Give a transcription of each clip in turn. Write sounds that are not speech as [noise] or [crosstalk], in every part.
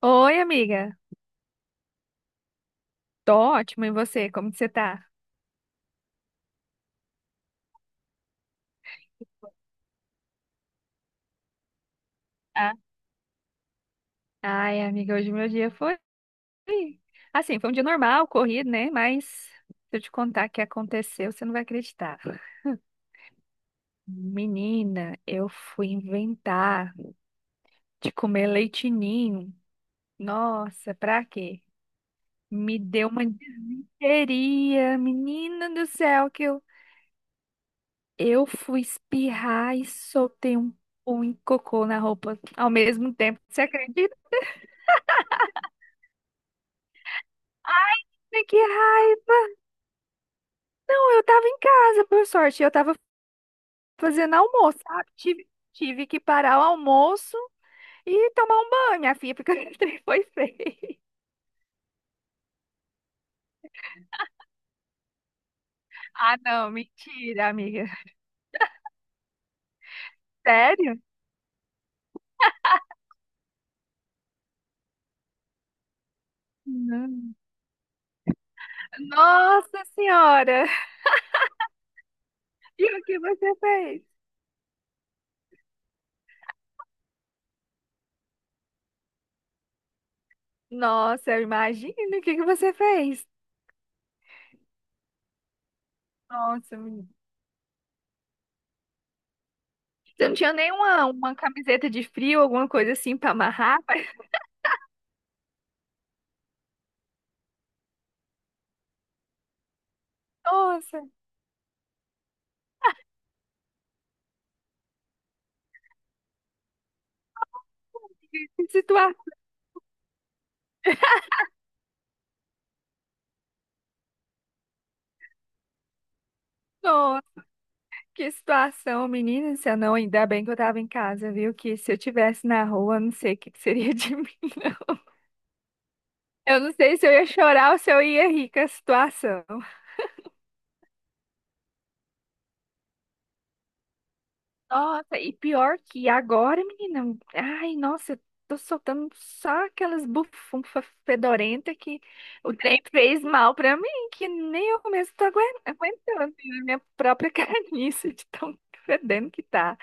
Oi, amiga. Tô ótima. E você? Como que você tá? Ah, Ai, amiga, hoje meu dia foi. Um dia normal, corrido, né? Mas se eu te contar o que aconteceu, você não vai acreditar. Menina, eu fui inventar de comer leite ninho. Nossa, pra quê? Me deu uma disenteria, menina do céu, eu fui espirrar e um cocô na roupa ao mesmo tempo. Você acredita? Que Não, eu tava em casa, por sorte. Eu tava fazendo almoço, sabe? Tive que parar o almoço e tomar um banho, minha filha, porque [laughs] o trem foi feio. Ah, não, mentira, amiga. Sério? Não. Nossa Senhora! E o que você fez? Nossa, eu imagino o que que você fez. Nossa, menina. Você não tinha nenhuma uma camiseta de frio, alguma coisa assim pra amarrar? [laughs] Nossa, que situação! Que situação, menina, se eu não, ainda bem que eu tava em casa, viu? Que se eu tivesse na rua, eu não sei o que que seria de [laughs] mim. Eu não sei se eu ia chorar ou se eu ia rir com a situação. Nossa, e pior que agora, menina, ai, nossa, eu tô soltando só aquelas bufunfas fedorentas que o trem fez mal pra mim, que nem eu mesmo tô aguentando, né? Minha própria [laughs] carniça de tão fedendo que tá.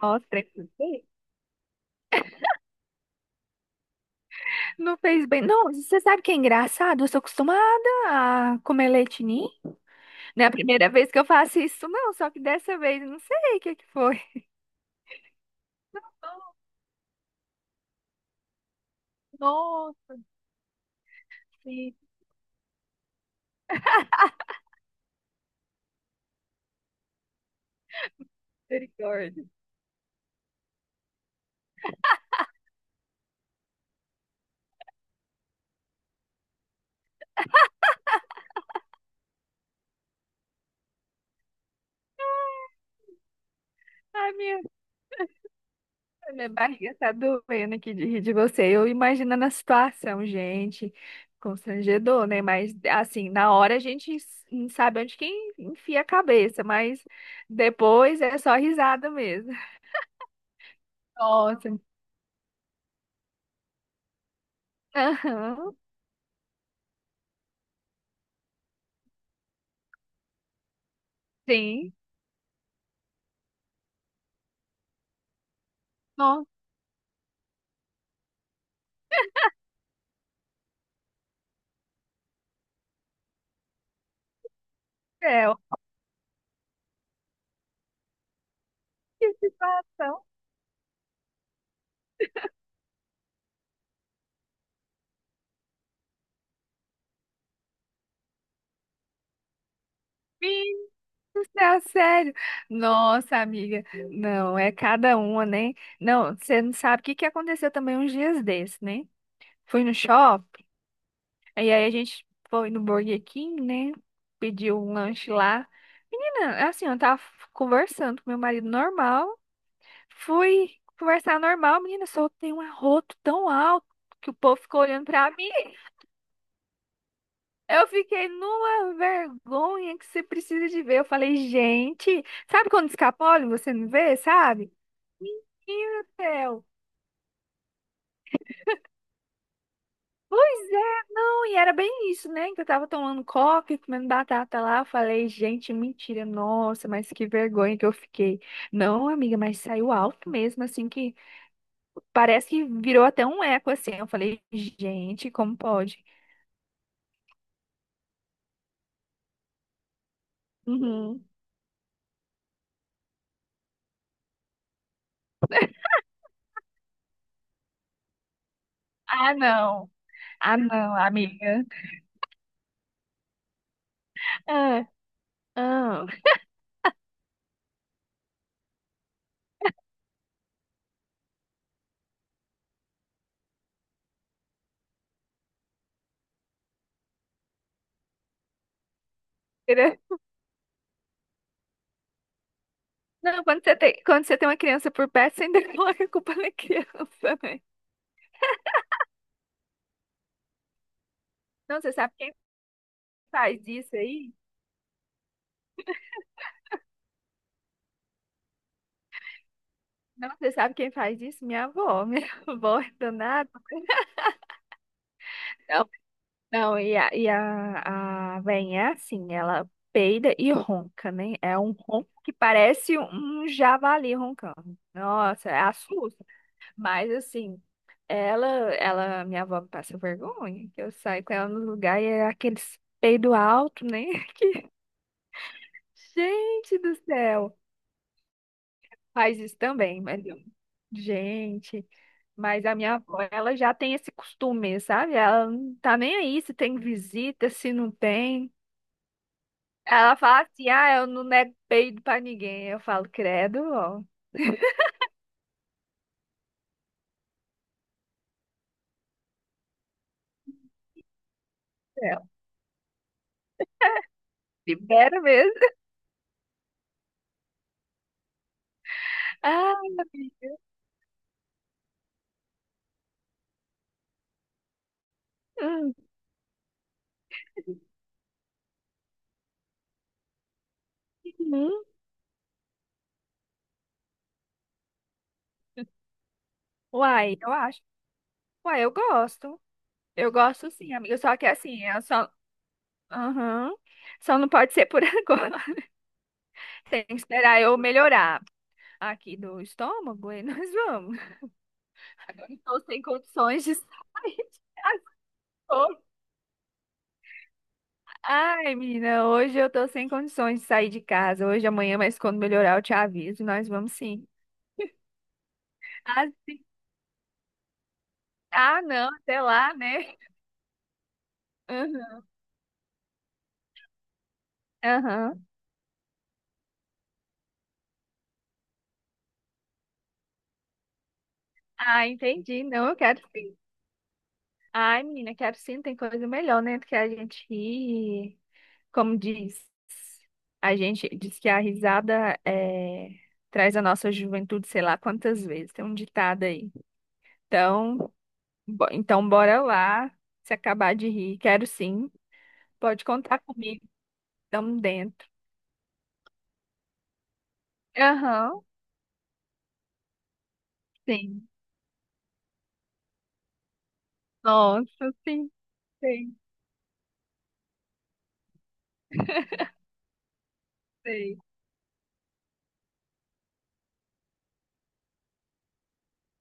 Nossa, trem feio. Não fez bem. Não, você sabe que é engraçado? Eu sou acostumada a comer leite ninho. Não é a primeira vez que eu faço isso, não. Só que dessa vez, eu não sei o que que foi. Nossa, misericórdia. Ai, minha barriga tá doendo aqui de rir de você. Eu imaginando a situação, gente. Constrangedor, né? Mas, assim, na hora a gente não sabe onde que enfia a cabeça, mas depois é só risada mesmo. Nossa. Aham, sim. Nossa. é, Que situação fixa, sério. Nossa, amiga, não, é cada uma, né? Não, você não sabe o que que aconteceu também uns dias desses, né? Fui no shopping, e aí a gente foi no Burger King, né? Pediu um lanche lá. Menina, assim, eu tava conversando com meu marido normal, fui conversar normal, menina, soltei um arroto tão alto que o povo ficou olhando pra mim. Eu fiquei numa vergonha que você precisa de ver. Eu falei, gente, sabe quando escapole e você não vê, sabe? Meu Theo. Pois é, não, e era bem isso, né? Que eu tava tomando coca e comendo batata lá. Eu falei, gente, mentira, nossa, mas que vergonha que eu fiquei. Não, amiga, mas saiu alto mesmo, assim, que parece que virou até um eco, assim. Eu falei, gente, como pode? Uhum. Ah, não. Ah, não, amiga. Ah, ah. [laughs] Não, quando você tem uma criança por perto, você ainda [laughs] coloca a culpa na criança, né? Não, você sabe quem faz isso aí? Não, você sabe quem faz isso? Minha avó. [laughs] Minha avó é danada. Não, não, a velhinha é assim, ela peida e ronca, né? É um ronco que parece um javali roncando. Nossa, é assusta. Mas assim, ela, minha avó me passa vergonha, que eu saio com ela no lugar e é aqueles peido alto, né? [laughs] Gente do céu! Faz isso também, gente. Mas a minha avó, ela já tem esse costume, sabe? Ela não tá nem aí se tem visita, se não tem. Ela fala assim: ah, eu não nego peido pra ninguém. Eu falo, credo, ó. [laughs] É, libera mesmo. [laughs] Ah, hum, hum. Uai, eu acho. Uai, eu gosto. Eu gosto sim, amiga. Só que assim, eu só. Aham. Só não pode ser por [laughs] agora. Tem que esperar eu melhorar aqui do estômago e nós vamos. Tô sem condições de [laughs] sair. Tô. Ai, menina, hoje eu tô sem condições de sair de casa. Hoje, amanhã, mas quando melhorar, eu te aviso. Nós vamos sim. Ah, sim. Ah, não, até lá, né? Aham. Aham. Ah, entendi. Não, eu quero sim. Ai, menina, quero sim. Tem coisa melhor, né? Do que a gente rir. Como diz, a gente diz que a risada é, traz a nossa juventude, sei lá quantas vezes. Tem um ditado aí. Então. Então, bora lá. Se acabar de rir, quero sim. Pode contar comigo. Estamos dentro. Aham, sim. Nossa, sim, sim.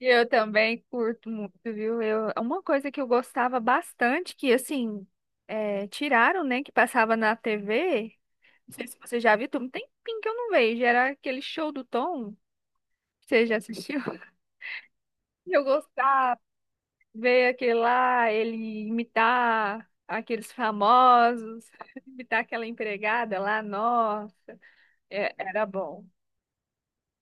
E eu também curto muito, viu? Eu, uma coisa que eu gostava bastante, que assim, é, tiraram, né? Que passava na TV. Não sei se você já viu, tem um tempinho que eu não vejo. Era aquele show do Tom. Você já assistiu? [laughs] Eu gostava. Ver aquele lá, ele imitar aqueles famosos, [laughs] imitar aquela empregada lá, nossa, era bom.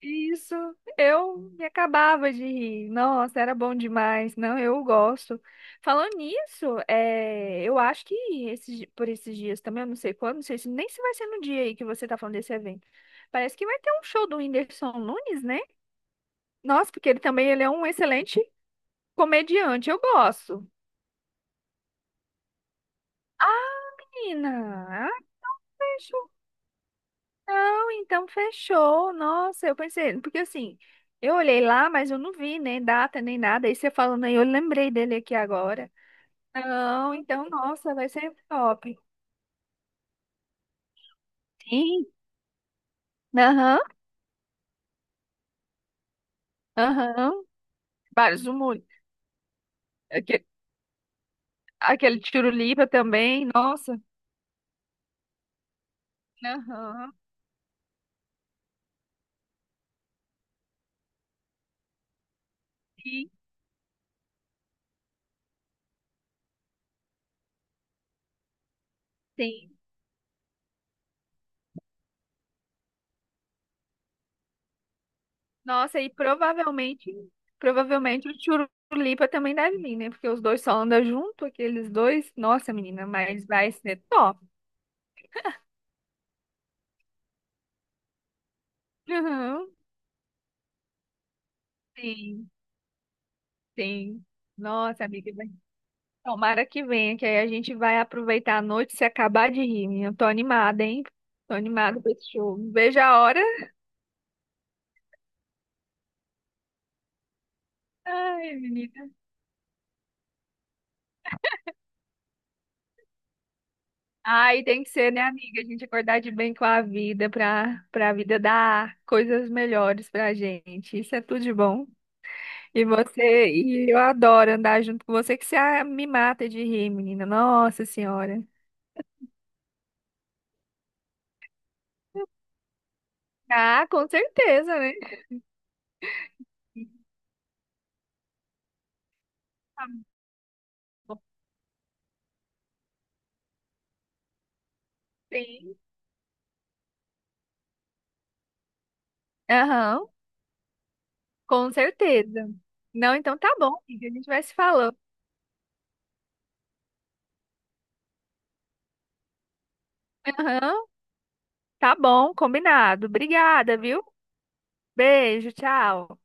Isso, eu me acabava de rir. Nossa, era bom demais. Não, eu gosto. Falando nisso, é, eu acho que esses, por esses dias também, eu não sei quando, não sei se nem se vai ser no dia aí que você tá falando desse evento. Parece que vai ter um show do Whindersson Nunes, né? Nossa, porque ele também ele é um excelente comediante. Eu gosto. Menina, não, então fechou. Nossa, eu pensei, porque assim, eu olhei lá, mas eu não vi nem data, nem nada. Aí você falando aí, eu lembrei dele aqui agora. Não, então, nossa, vai ser top. Sim, aham, aham. Vários humores. Aquele, aquele tirulipa também, nossa. Aham, sim, sim. Nossa, e provavelmente, provavelmente o tirulipa também deve vir, né? Porque os dois só andam junto, aqueles dois. Nossa, menina, mas vai ser top. Aham. Sim. Sim. Nossa, amiga, tomara que venha, que aí a gente vai aproveitar a noite e se acabar de rir, menina. Eu tô animada, hein? Tô animada pra esse show. Não vejo a hora. Ai, menina. Ai, tem que ser, né, amiga? A gente acordar de bem com a vida pra vida dar coisas melhores pra gente. Isso é tudo de bom. E você, e eu adoro andar junto com você, que você ah, me mata de rir, menina. Nossa Senhora. Ah, com certeza, né? Tá bom. Sim. Aham. Com certeza. Não, então tá bom, amiga. A gente vai se falando. Aham, tá bom, combinado. Obrigada, viu? Beijo, tchau.